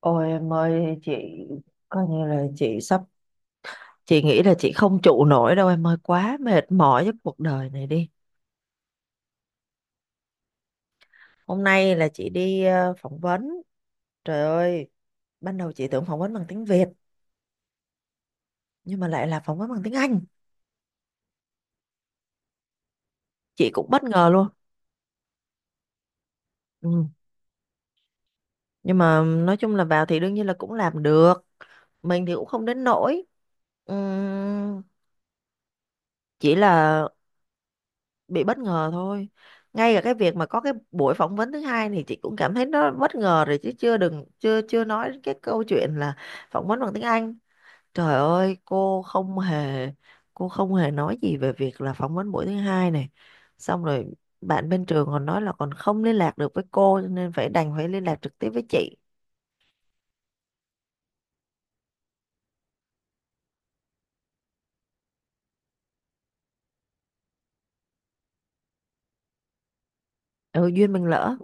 Ôi em ơi, chị coi như là chị nghĩ là chị không trụ nổi đâu, em ơi, quá mệt mỏi với cuộc đời này đi. Hôm nay là chị đi phỏng vấn. Trời ơi, ban đầu chị tưởng phỏng vấn bằng tiếng Việt, nhưng mà lại là phỏng vấn bằng tiếng Anh. Chị cũng bất ngờ luôn. Ừ. Nhưng mà nói chung là vào thì đương nhiên là cũng làm được, mình thì cũng không đến nỗi. Ừm, chỉ là bị bất ngờ thôi. Ngay cả cái việc mà có cái buổi phỏng vấn thứ hai thì chị cũng cảm thấy nó bất ngờ rồi, chứ chưa đừng chưa chưa nói đến cái câu chuyện là phỏng vấn bằng tiếng Anh. Trời ơi, cô không hề nói gì về việc là phỏng vấn buổi thứ hai này. Xong rồi bạn bên trường còn nói là còn không liên lạc được với cô, cho nên phải đành phải liên lạc trực tiếp với chị. Ừ, duyên mình lỡ.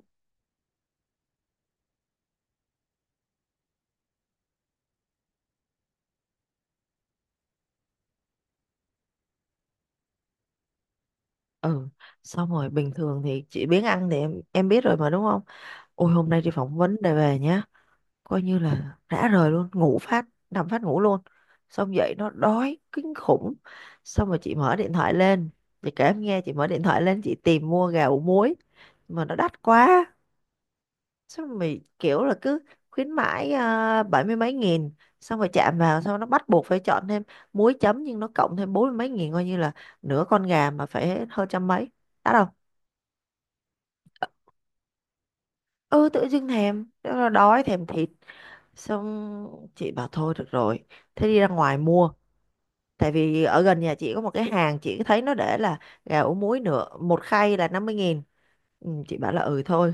Ừ. Xong rồi bình thường thì chị biếng ăn thì em biết rồi mà, đúng không? Ôi, hôm nay đi phỏng vấn để về nhé, coi như là rã rời luôn, ngủ phát nằm phát ngủ luôn. Xong dậy nó đói kinh khủng. Xong rồi chị mở điện thoại lên. Chị kể em nghe, chị mở điện thoại lên, chị tìm mua gà ủ muối mà nó đắt quá. Xong rồi mày kiểu là cứ khuyến mãi à, bảy mươi mấy nghìn. Xong rồi chạm vào xong nó bắt buộc phải chọn thêm muối chấm, nhưng nó cộng thêm bốn mươi mấy nghìn, coi như là nửa con gà mà phải hơn trăm mấy. Đắt không? Ừ, tự dưng thèm, đói thèm thịt. Xong chị bảo thôi được rồi, thế đi ra ngoài mua. Tại vì ở gần nhà chị có một cái hàng, chị thấy nó để là gà ủ muối nửa một khay là 50.000. Ừ, chị bảo là ừ thôi,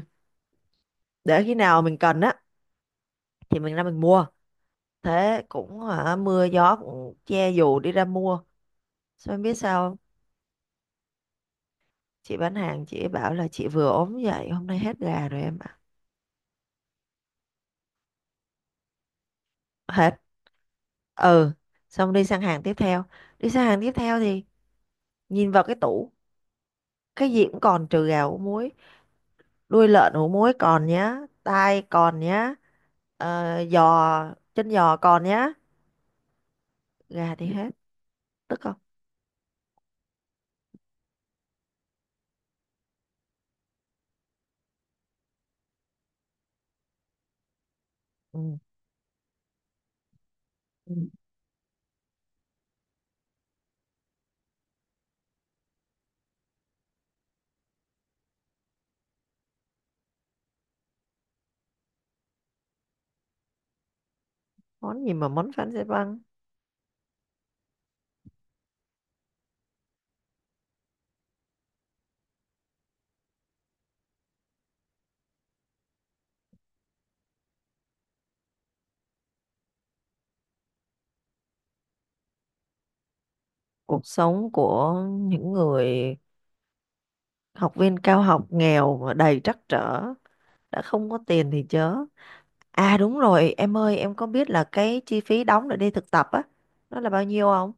để khi nào mình cần á thì mình ra mình mua. Thế cũng hả, mưa gió cũng che dù đi ra mua. Sao em biết sao không? Chị bán hàng chị ấy bảo là chị vừa ốm dậy, hôm nay hết gà rồi em ạ. Hết. Ừ. Xong đi sang hàng tiếp theo. Đi sang hàng tiếp theo thì nhìn vào cái tủ. Cái gì cũng còn, trừ gà ủ muối. Đuôi lợn ủ muối còn nhá. Tai còn nhá. Giò chân giò còn nhá. Gà thì hết. Tức không? Ừ. Ừ. Món gì mà món Phan Xe băng. Cuộc sống của những người học viên cao học nghèo mà đầy trắc trở, đã không có tiền thì chớ. À đúng rồi em ơi, em có biết là cái chi phí đóng để đi thực tập á, nó là bao nhiêu không?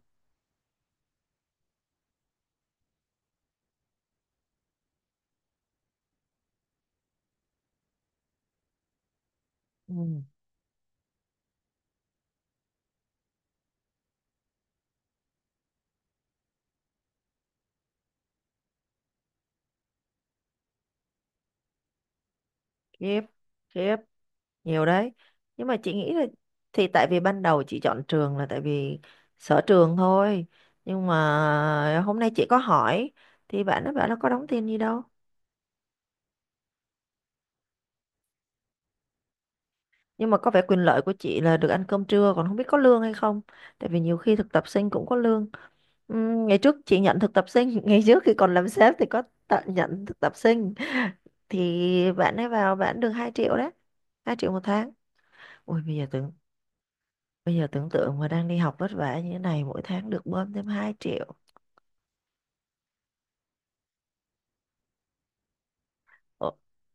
Ừ. Khiếp. Khiếp. Nhiều đấy. Nhưng mà chị nghĩ là, thì tại vì ban đầu chị chọn trường là tại vì sở trường thôi, nhưng mà hôm nay chị có hỏi thì bạn nó bảo nó có đóng tiền gì đâu. Nhưng mà có vẻ quyền lợi của chị là được ăn cơm trưa, còn không biết có lương hay không, tại vì nhiều khi thực tập sinh cũng có lương. Ngày trước chị nhận thực tập sinh ngày trước khi còn làm sếp thì có tận nhận thực tập sinh, thì bạn ấy vào bạn được 2 triệu đấy, 2 triệu một tháng. Ui bây giờ tưởng, bây giờ tưởng tượng mà đang đi học vất vả như thế này, mỗi tháng được bơm thêm 2 triệu. Ờ,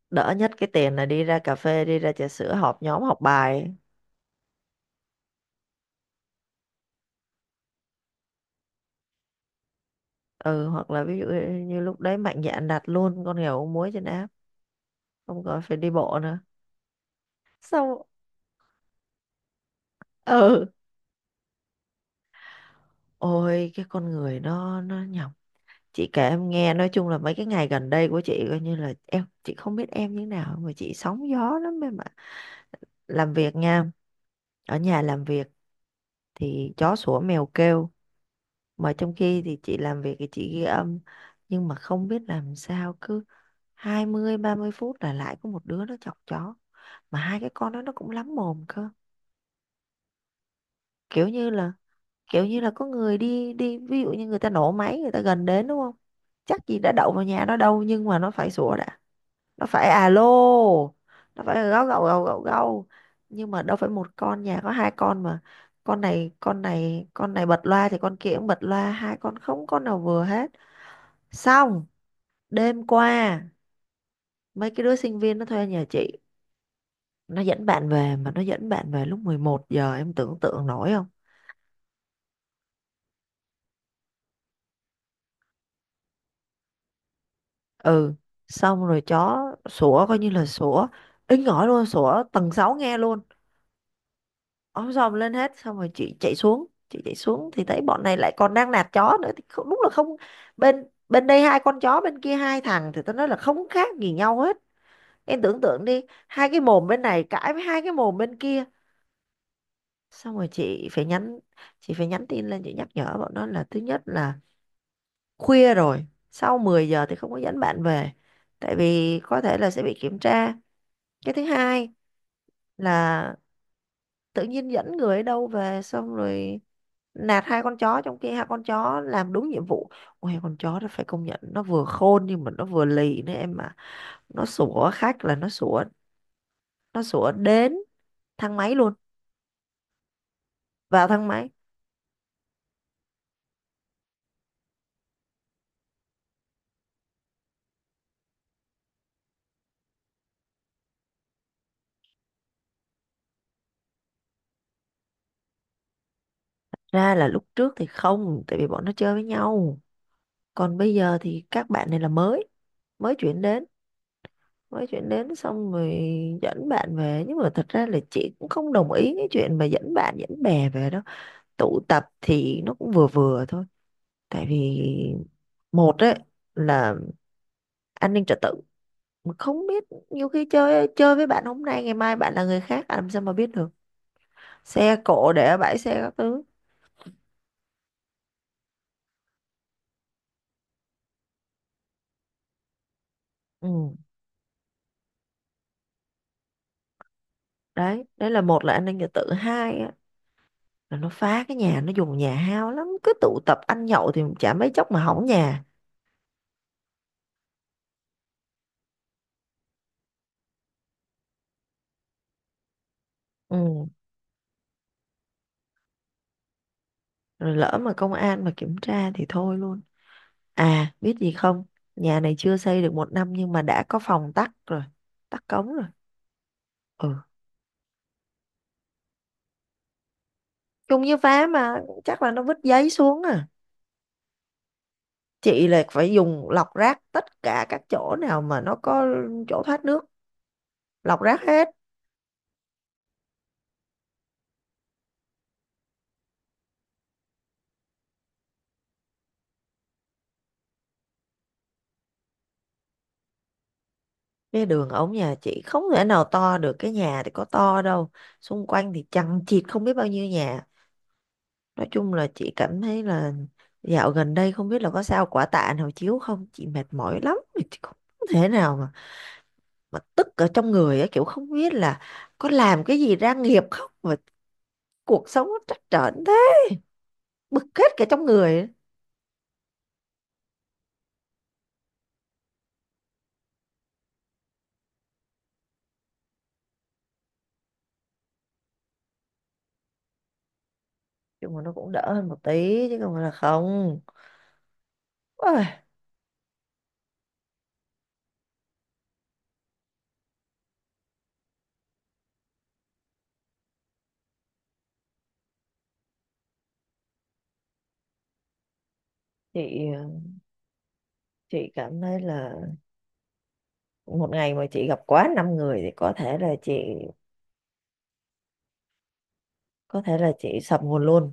Đỡ nhất cái tiền là đi ra cà phê, đi ra trà sữa họp nhóm học bài ấy. Ừ, hoặc là ví dụ như lúc đấy mạnh dạn đặt luôn con nghèo muối trên app, không còn phải đi bộ nữa. Xong, ừ, ôi, cái con người nó nhọc. Chị kể em nghe, nói chung là mấy cái ngày gần đây của chị coi như là, em chị không biết em như thế nào mà chị sóng gió lắm em ạ. Làm việc nha, ở nhà làm việc thì chó sủa mèo kêu, mà trong khi thì chị làm việc thì chị ghi âm, nhưng mà không biết làm sao cứ 20-30 phút là lại có một đứa nó chọc chó, mà hai cái con đó nó cũng lắm mồm cơ. Kiểu như là có người đi đi, ví dụ như người ta nổ máy, người ta gần đến, đúng không, chắc gì đã đậu vào nhà nó đâu nhưng mà nó phải sủa đã. Nó phải alo, nó phải gâu gâu gâu gâu gâu. Nhưng mà đâu phải một con, nhà có hai con mà, con này con này con này bật loa thì con kia cũng bật loa, hai con không con nào vừa hết. Xong, đêm qua mấy cái đứa sinh viên nó thuê nhà chị, nó dẫn bạn về, mà nó dẫn bạn về lúc 11 giờ, em tưởng tượng nổi không? Ừ, xong rồi chó sủa coi như là sủa inh ỏi luôn, sủa tầng 6 nghe luôn. Ôm dòm lên hết, xong rồi chị chạy xuống thì thấy bọn này lại còn đang nạt chó nữa thì không, đúng là không. Bên bên đây hai con chó, bên kia hai thằng thì tao nói là không khác gì nhau hết. Em tưởng tượng đi, hai cái mồm bên này cãi với hai cái mồm bên kia. Xong rồi chị phải nhắn tin lên, chị nhắc nhở bọn nó là thứ nhất là khuya rồi, sau 10 giờ thì không có dẫn bạn về, tại vì có thể là sẽ bị kiểm tra. Cái thứ hai là tự nhiên dẫn người ở đâu về, xong rồi nạt hai con chó trong khi hai con chó làm đúng nhiệm vụ. Ôi con chó nó phải công nhận nó vừa khôn nhưng mà nó vừa lì nữa em mà, nó sủa khách là nó sủa, nó sủa đến thang máy luôn, vào thang máy. Ra là lúc trước thì không, tại vì bọn nó chơi với nhau, còn bây giờ thì các bạn này là mới mới chuyển đến mới chuyển đến xong rồi dẫn bạn về. Nhưng mà thật ra là chị cũng không đồng ý cái chuyện mà dẫn bạn dẫn bè về đâu, tụ tập thì nó cũng vừa vừa thôi. Tại vì một ấy là an ninh trật tự, mà không biết, nhiều khi chơi chơi với bạn hôm nay, ngày mai bạn là người khác, làm sao mà biết được, xe cộ để ở bãi xe các thứ. Ừ đấy, đấy là một là an ninh trật tự, hai là nó phá cái nhà, nó dùng nhà hao lắm, cứ tụ tập ăn nhậu thì chả mấy chốc mà hỏng nhà. Ừ. Rồi lỡ mà công an mà kiểm tra thì thôi luôn. À biết gì không, nhà này chưa xây được một năm nhưng mà đã có phòng tắc rồi, tắc cống rồi. Ừ, chung như phá mà, chắc là nó vứt giấy xuống à. Chị là phải dùng lọc rác tất cả các chỗ nào mà nó có chỗ thoát nước, lọc rác hết. Cái đường ống nhà chị không thể nào to được, cái nhà thì có to đâu, xung quanh thì chằng chịt không biết bao nhiêu nhà. Nói chung là chị cảm thấy là dạo gần đây không biết là có sao quả tạ nào chiếu không, chị mệt mỏi lắm, chị không thể nào mà tức ở trong người á, kiểu không biết là có làm cái gì ra nghiệp không mà cuộc sống nó trắc trở thế, bực hết cả trong người á. Nhưng mà nó cũng đỡ hơn một tí chứ không phải là không. Ôi, chị chị cảm thấy là một ngày mà chị gặp quá năm người thì có thể là chị sập nguồn luôn.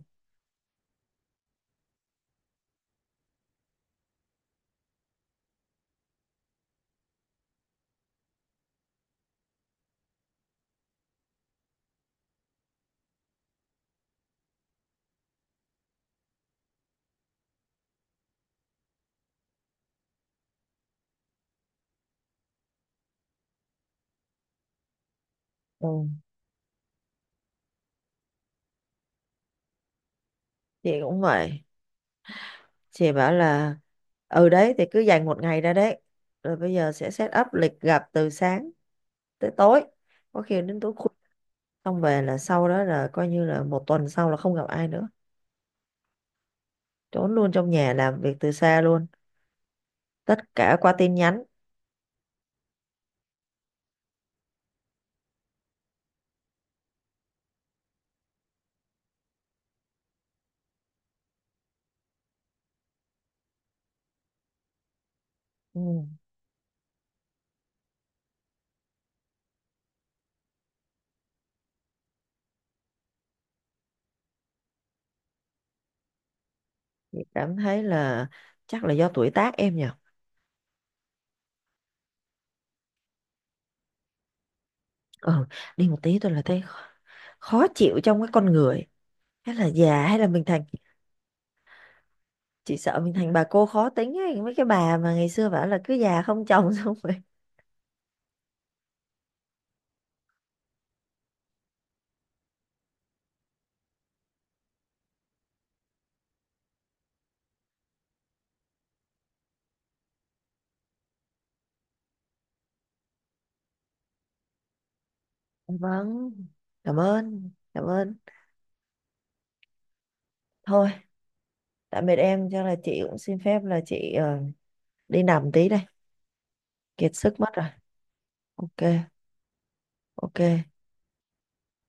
Ừ, chị cũng vậy. Chị bảo là, ừ đấy, thì cứ dành một ngày ra đấy rồi bây giờ sẽ set up lịch gặp từ sáng tới tối, có khi đến tối khuya, xong về là sau đó là coi như là một tuần sau là không gặp ai nữa, trốn luôn trong nhà, làm việc từ xa luôn, tất cả qua tin nhắn. Ừ. Chị cảm thấy là chắc là do tuổi tác em nhỉ. Ừ, đi một tí thôi là thấy khó khó chịu trong cái con người, hay là già, hay là mình thành, chị sợ mình thành bà cô khó tính ấy, mấy cái bà mà ngày xưa bảo là cứ già không chồng xong rồi. Vâng, cảm ơn, cảm ơn. Thôi, tạm biệt em, chắc là chị cũng xin phép là chị đi nằm tí đây, kiệt sức mất rồi. Ok, ok.